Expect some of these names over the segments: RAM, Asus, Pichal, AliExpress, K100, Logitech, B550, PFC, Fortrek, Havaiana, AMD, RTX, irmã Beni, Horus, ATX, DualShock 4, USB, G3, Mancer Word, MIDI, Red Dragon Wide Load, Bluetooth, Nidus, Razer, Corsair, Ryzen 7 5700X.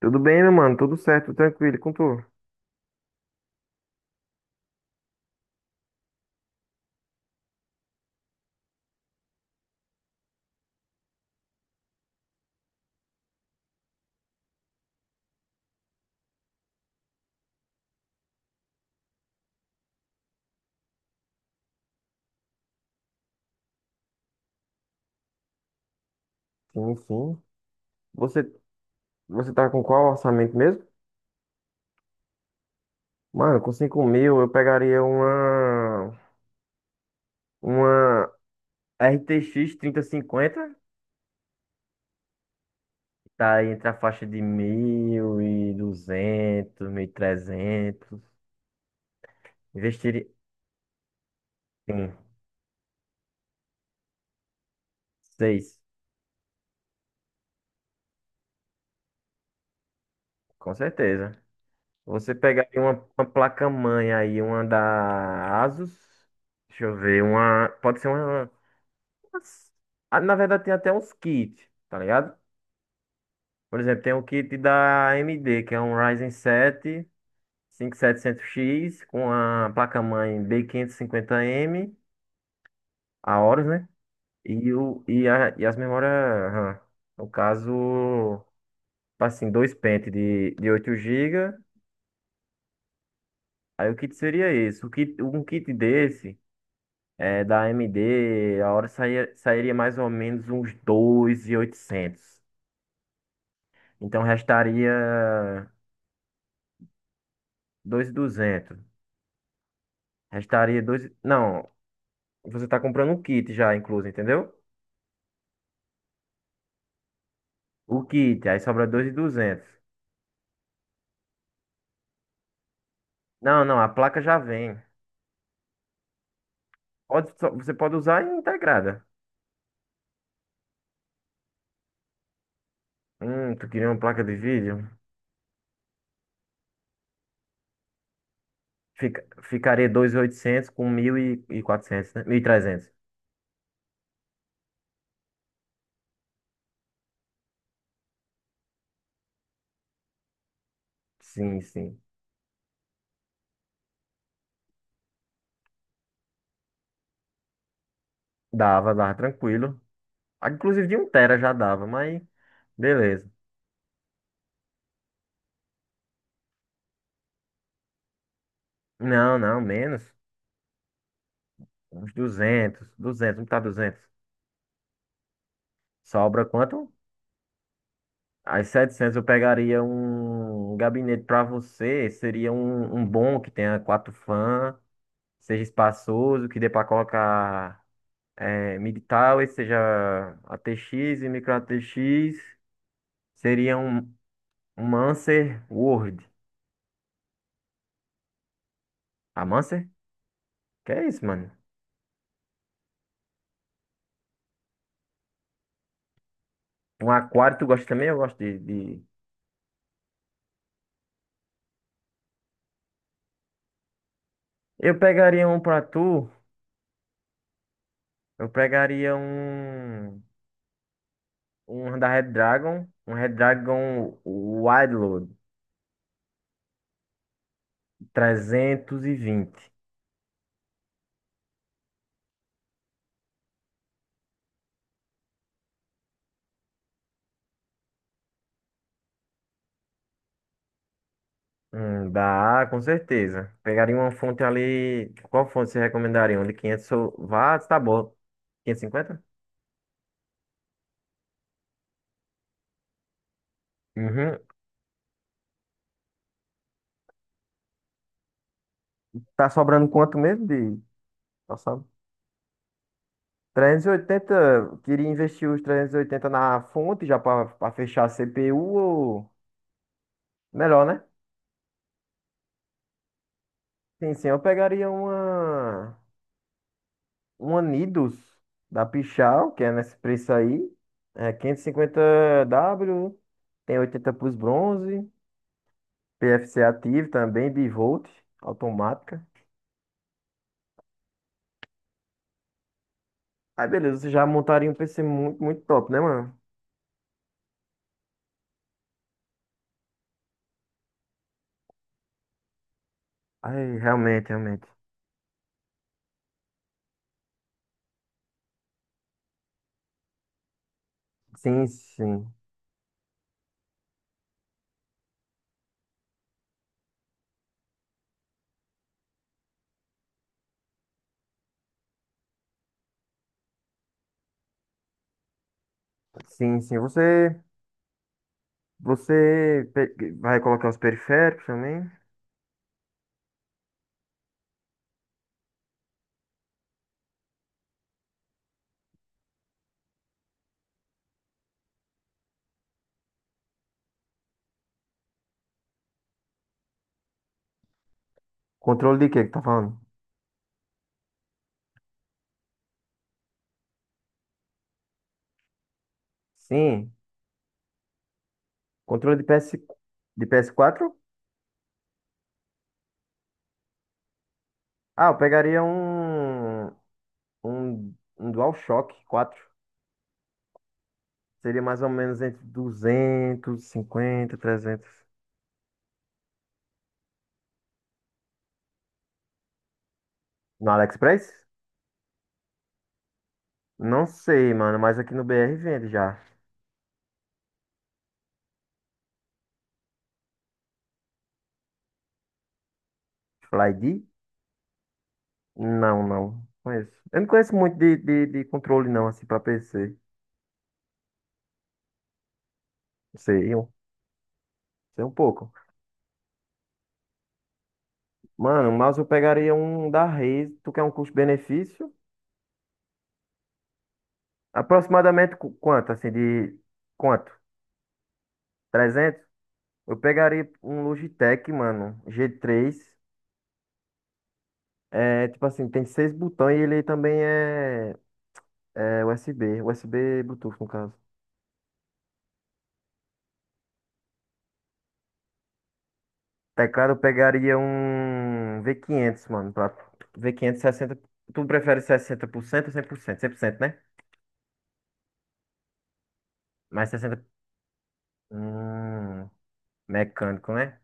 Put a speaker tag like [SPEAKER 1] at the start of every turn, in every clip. [SPEAKER 1] Tudo bem, meu mano? Tudo certo, tranquilo, e com tu? Sim, sim. Você, você tá com qual orçamento mesmo? Mano, com 5 mil eu pegaria uma RTX cinquenta, tá aí entre a faixa de mil, mil e duzentos, mil e trezentos. Investiria, sim, seis, com certeza. Você pegaria uma placa-mãe aí, uma da Asus, deixa eu ver, uma, pode ser ah, na verdade tem até uns kits, tá ligado? Por exemplo, tem o kit da AMD, que é um Ryzen 7 5700X com a placa-mãe B quinhentos e cinquenta m, a Horus, né? E, e as memórias RAM. No caso, assim, dois pentes de 8 GB. Aí o kit seria esse. O kit, um kit desse, é, da AMD, a hora sairia mais ou menos uns 2.800. Então restaria 2.200. Restaria dois. Não, você tá comprando um kit já, incluso, entendeu? O kit, aí sobra 2.200. Não, não, a placa já vem. Pode, você pode usar integrada. Tu queria uma placa de vídeo? Ficaria 2.800 com 1.400, né? 1.300. Sim, sim. Dava, dava tranquilo. Ah, inclusive de um tera já dava, mas beleza. Não, não, menos. Uns 200, 200, não tá 200. Sobra quanto? As 700 eu pegaria um gabinete para você, seria um bom que tenha quatro fãs, seja espaçoso, que dê para colocar, é, MIDI towers, seja ATX e micro ATX, seria um Mancer Word. A Mancer? Que é isso, mano? Um aquário, tu gosta também? Eu gosto de. Eu pegaria um pra tu, eu pegaria um, um da Red Dragon, um Red Dragon Wide Load, vinte. Dá, com certeza. Pegaria uma fonte ali. Qual fonte você recomendaria? Uma de 500 watts, tá bom. 550? Uhum. Tá sobrando quanto mesmo de, tá sabe? 380, eu queria investir os 380 na fonte já para fechar a CPU ou melhor, né? Sim, sim, eu pegaria uma Nidus da Pichal, que é nesse preço aí, é 550 W, tem 80 para os bronze, PFC ativo também, bivolt, automática. Aí beleza, você já montaria um PC muito, muito top, né, mano? Aí, realmente, realmente. Sim, sim. Sim, sim. Vai colocar os periféricos também? Controle de quê que tá falando? Sim. Controle de PS, de PS4? Ah, eu pegaria um DualShock 4. Seria mais ou menos entre 250, 300. No AliExpress? Não sei, mano, mas aqui no BR vende já. FlyD? Não, não conheço. Eu não conheço muito de controle, não, assim, pra PC. Sei, um, sei um pouco. Mano, mas eu pegaria um da Razer. Tu quer um custo-benefício? Aproximadamente quanto, assim, de... Quanto? 300? Eu pegaria um Logitech, mano, G3. É, tipo assim, tem seis botões e ele também é USB. USB Bluetooth, no caso. Teclado eu pegaria um v quinhentos, mano. Pra... v quinhentos sessenta. Tu prefere 60%, ou 100%, 100%, né? Mais sessenta. Hum, mecânico, né?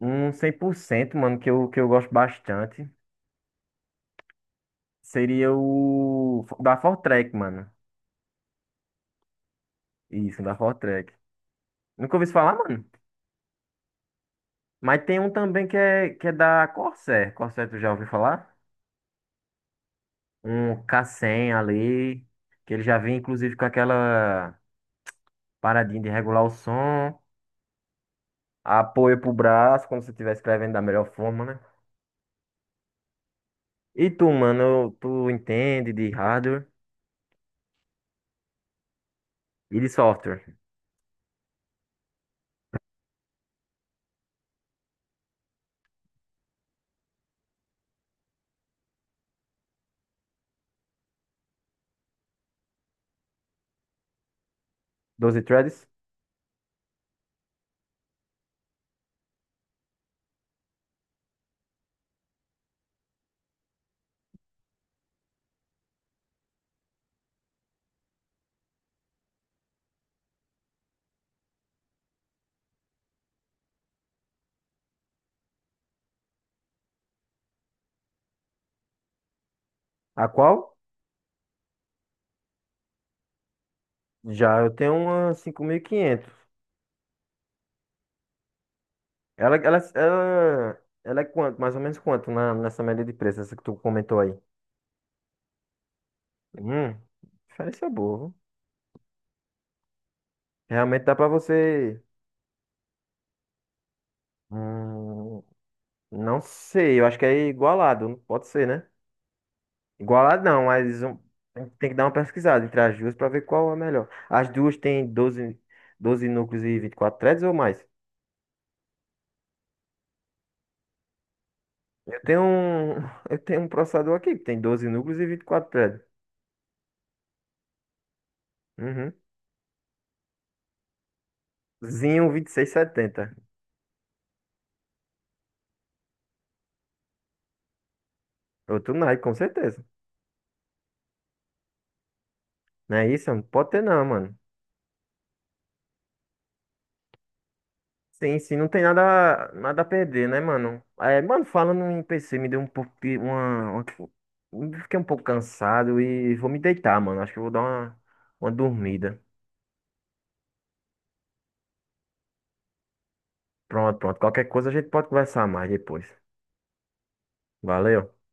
[SPEAKER 1] Um 100%, mano, que eu gosto bastante. Seria o... Da Fortrek, mano. Isso, da Fortrek. Nunca ouvi isso falar, mano. Mas tem um também que é da Corsair. Corsair, tu já ouviu falar? Um K100 ali. Que ele já vem, inclusive, com aquela paradinha de regular o som. Apoio pro braço, como se estiver escrevendo da melhor forma, né? E tu, mano, tu entende de hardware e de software? 12 threads? A qual? Já eu tenho uma 5.500. Ela é quanto? Mais ou menos quanto na, nessa média de preço, essa que tu comentou aí? Hum, diferença boa, viu? Realmente dá pra você. Hum, não sei, eu acho que é igualado, pode ser, né? Igualado não, mas um- tem que dar uma pesquisada entre as duas para ver qual é melhor. As duas têm 12 núcleos e 24 threads ou mais? Eu tenho um, eu tenho um processador aqui que tem 12 núcleos e 24 threads. Uhum. Zinho vinte e seis setenta. Outro Nike, com certeza. Não é isso? Não pode ter não, mano. Sim, sim, não tem nada a perder, né, mano? É, mano, falando em PC, me deu um pouco de uma. Fiquei um pouco cansado e vou me deitar, mano. Acho que eu vou dar uma dormida. Pronto, pronto. Qualquer coisa a gente pode conversar mais depois. Valeu.